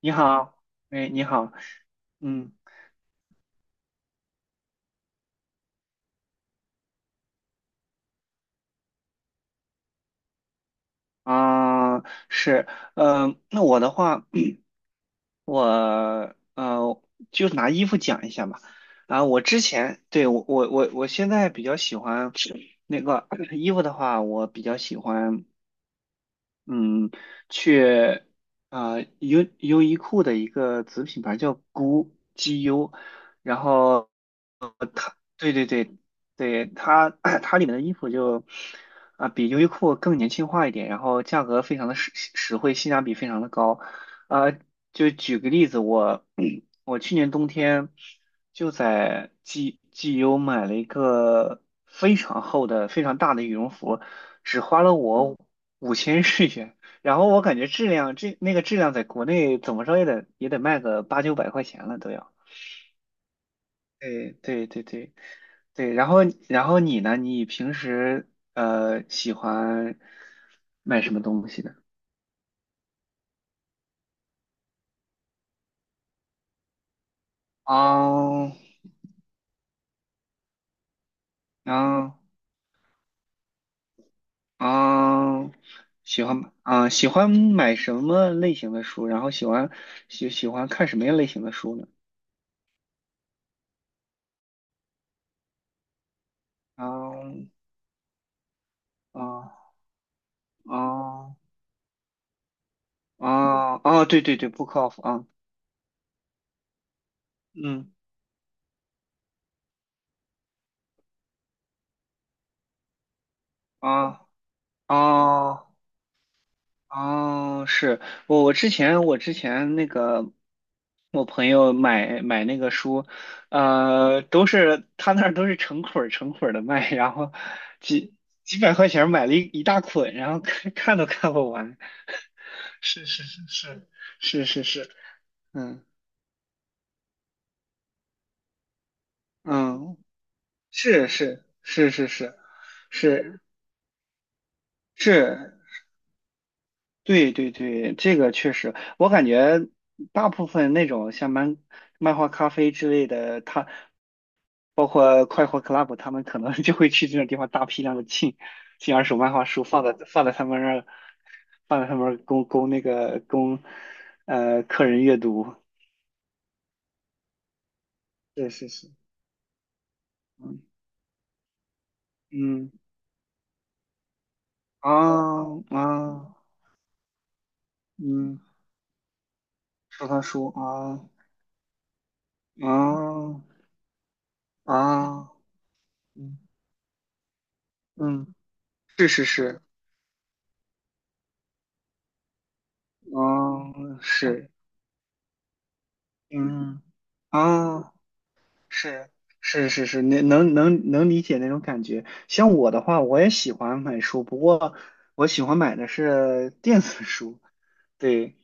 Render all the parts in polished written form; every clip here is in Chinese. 你好，哎，你好，嗯啊，是，那我的话，我呃，就拿衣服讲一下吧。啊，我之前对我现在比较喜欢那个 衣服的话，我比较喜欢嗯去优衣库的一个子品牌叫 GU GU，然后。对对对对，它 它里面的衣服就比优衣库更年轻化一点，然后价格非常的实惠，性价比非常的高。啊，就举个例子，我 我去年冬天就在 GU 买了一个非常厚的、非常大的羽绒服，只花了我五千日元。然后我感觉质量，那个质量在国内怎么着也得卖个八九百块钱了都要。对对对对对，然后你呢？你平时喜欢买什么东西呢？哦，哦哦，喜欢买什么类型的书？然后喜欢看什么样类型的书呢？哦哦哦哦哦，对对对，Book of 啊，嗯啊哦哦，是我之前我朋友买那个书，他那儿都是成捆儿的卖，然后几几百块钱买了一大捆，然后看看都看不完。是是是是是是是，嗯嗯，是是是是是是是，对对对，这个确实，我感觉大部分那种像漫画咖啡之类的，他。包括快活 club，他们可能就会去这种地方大批量的进二手漫画书，放在他们那儿，供供那个供客人阅读。对，是是，嗯嗯啊啊嗯，收藏书啊啊啊嗯嗯，是是是，啊是嗯啊是是是是，那能理解那种感觉。像我的话，我也喜欢买书，不过我喜欢买的是 电子书。对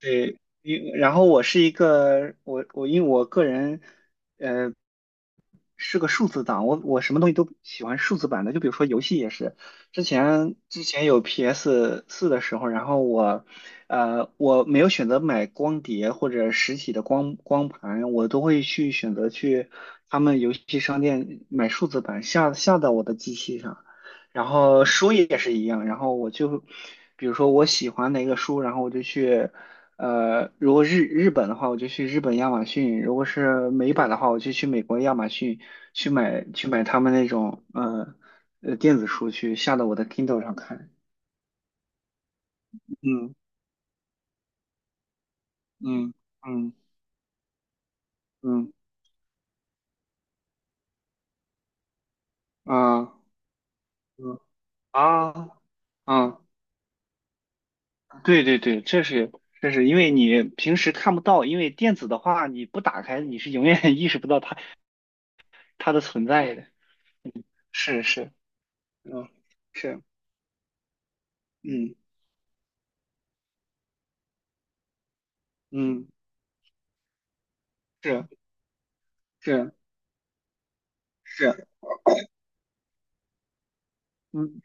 对，然后我是一个我我因为我个人，是个数字档，我什么东西都喜欢数字版的，就比如说游戏也是，之前有 PS 四的时候，然后我没有选择买光碟或者实体的光盘，我都会去选择去他们游戏商店买数字版下到我的机器上，然后书也是一样，然后比如说我喜欢哪个书，然后我就去。如果日本的话，我就去日本亚马逊；如果是美版的话，我就去美国亚马逊去买他们那种电子书去下到我的 Kindle 上看。嗯嗯嗯嗯啊嗯啊啊！对对对，这是因为你平时看不到，因为电子的话你不打开，你是永远 意识不到它的存在的。是是，嗯是嗯嗯是是是，嗯。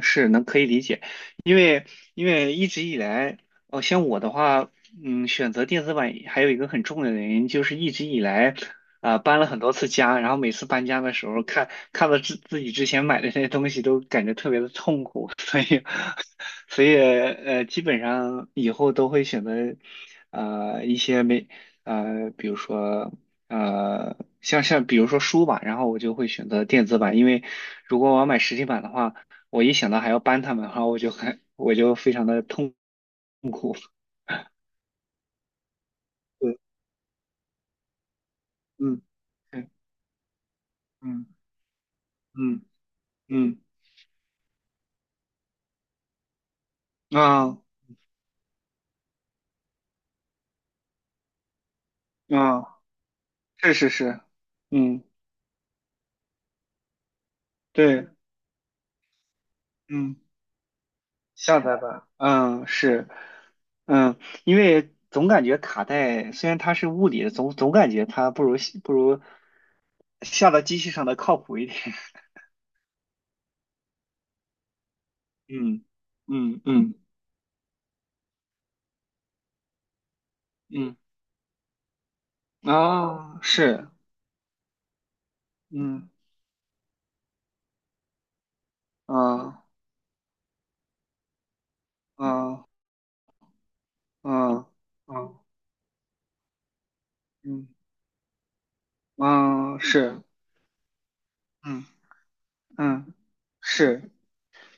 是能可以理解，因为因为一直以来，哦，像我的话，嗯，选择电子版还有一个很重要的原因，就是一直以来，搬了很多次家，然后每次搬家的时候，看到自己之前买的那些东西，都感觉特别的痛苦，所以基本上以后都会选择，呃，一些没呃，比如说。像比如说书吧，然后我就会选择电子版，因为如果我要买实体版的话，我一想到还要搬他们，然后我就非常的痛苦。嗯嗯嗯嗯嗯啊啊，是是是，嗯对嗯，下载吧，嗯是嗯，因为总感觉卡带虽然它是物理的，总感觉它不如下到机器上的靠谱一点。嗯嗯嗯嗯啊是嗯啊啊啊啊嗯啊是。嗯嗯，是，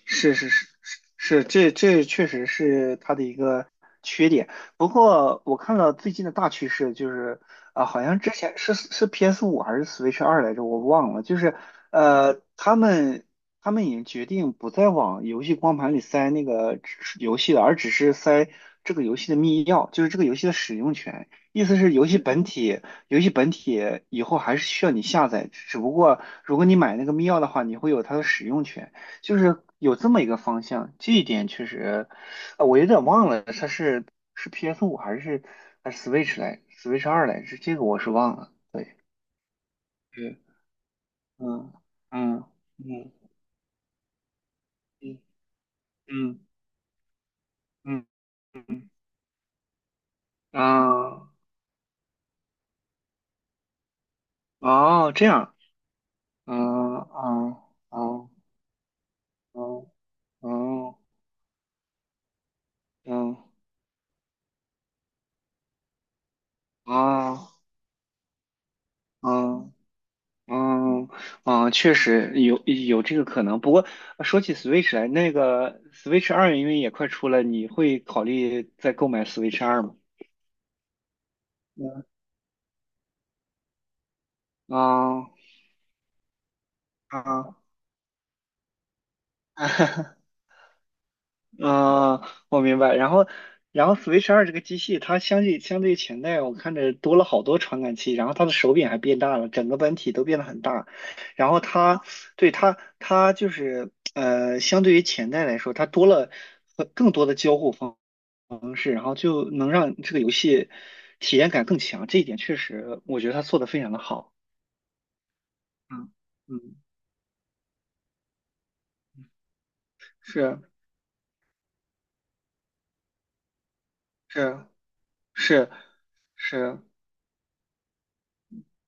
是是是是是，这确实是它的一个缺点。不过我看了最近的大趋势，就是好像之前是 PS 五还是 Switch 二来着，我忘了。就是呃，他们他们已经决定不再往游戏光盘里塞那个只游戏了，而只是塞这个游戏的密钥，就是这个游戏的使用权。意思是游戏本体，游戏本体以后还是需要你下载，只不过如果你买那个密钥的话，你会有它的使用权。就是有这么一个方向，这一点确实，啊，我有点忘了，它是 PS 五还是 Switch 二来，这个我是忘了。对，是，嗯嗯嗯嗯嗯嗯啊哦，这样，嗯啊啊啊啊啊啊。哦嗯嗯，确实有这个可能。不过说起 Switch 来，那个 Switch 二因为也快出了，你会考虑再购买 Switch 二吗？啊、啊，嗯，我明白。然后， Switch 二这个机器，它相对于前代，我看着多了好多传感器，然后它的手柄还变大了，整个本体都变得很大。然后它就是相对于前代来说，它多了更多的交互方式，然后就能让这个游戏体验感更强。这一点确实，我觉得他做的非常的好。嗯嗯，是是是是，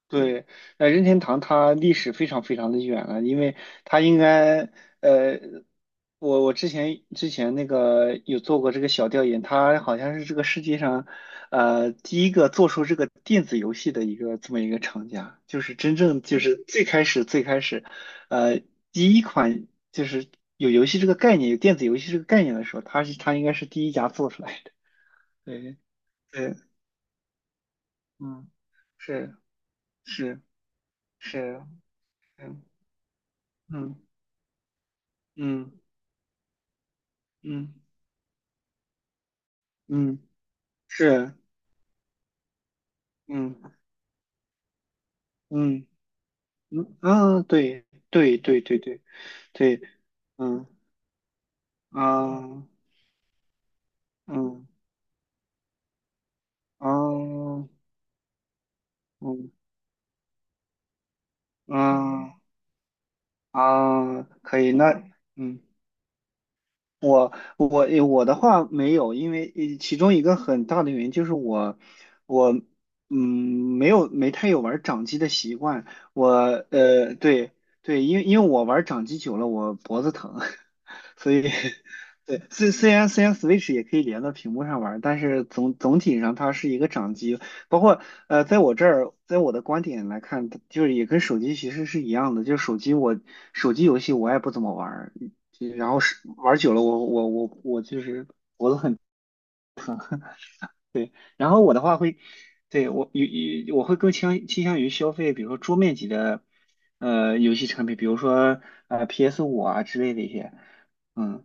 对，那任天堂它历史非常非常的远了，因为它应该，呃，我之前有做过这个小调研，它好像是这个世界上，第一个做出这个电子游戏的一个这么一个厂家，就是真正就是最开始最开始，呃，第一款就是有游戏这个概念，有电子游戏这个概念的时候，它应该是第一家做出来的。对对，嗯，是是是，嗯嗯。嗯嗯嗯，是，嗯嗯嗯啊，对对对对对对，嗯啊嗯啊嗯啊啊，可以，那嗯。我我的话没有，因为其中一个很大的原因就是我嗯没太有玩掌机的习惯，我对对，因为我玩掌机久了我脖子疼，所以对虽然 Switch 也可以连到屏幕上玩，但是总体上它是一个掌机，包括在我的观点来看，就是也跟手机其实是一样的，就是手机游戏我也不怎么玩，就然后是玩久了我，然后我的话会，对我有有我会更倾向于消费，比如说桌面级的游戏产品，比如说PS 五啊之类的一些，嗯，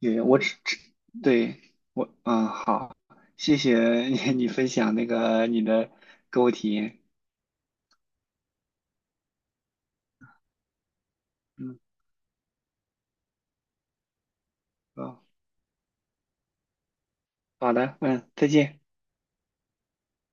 对，我只只对我嗯好，谢谢你分享你的购物体验，嗯好好的嗯再见。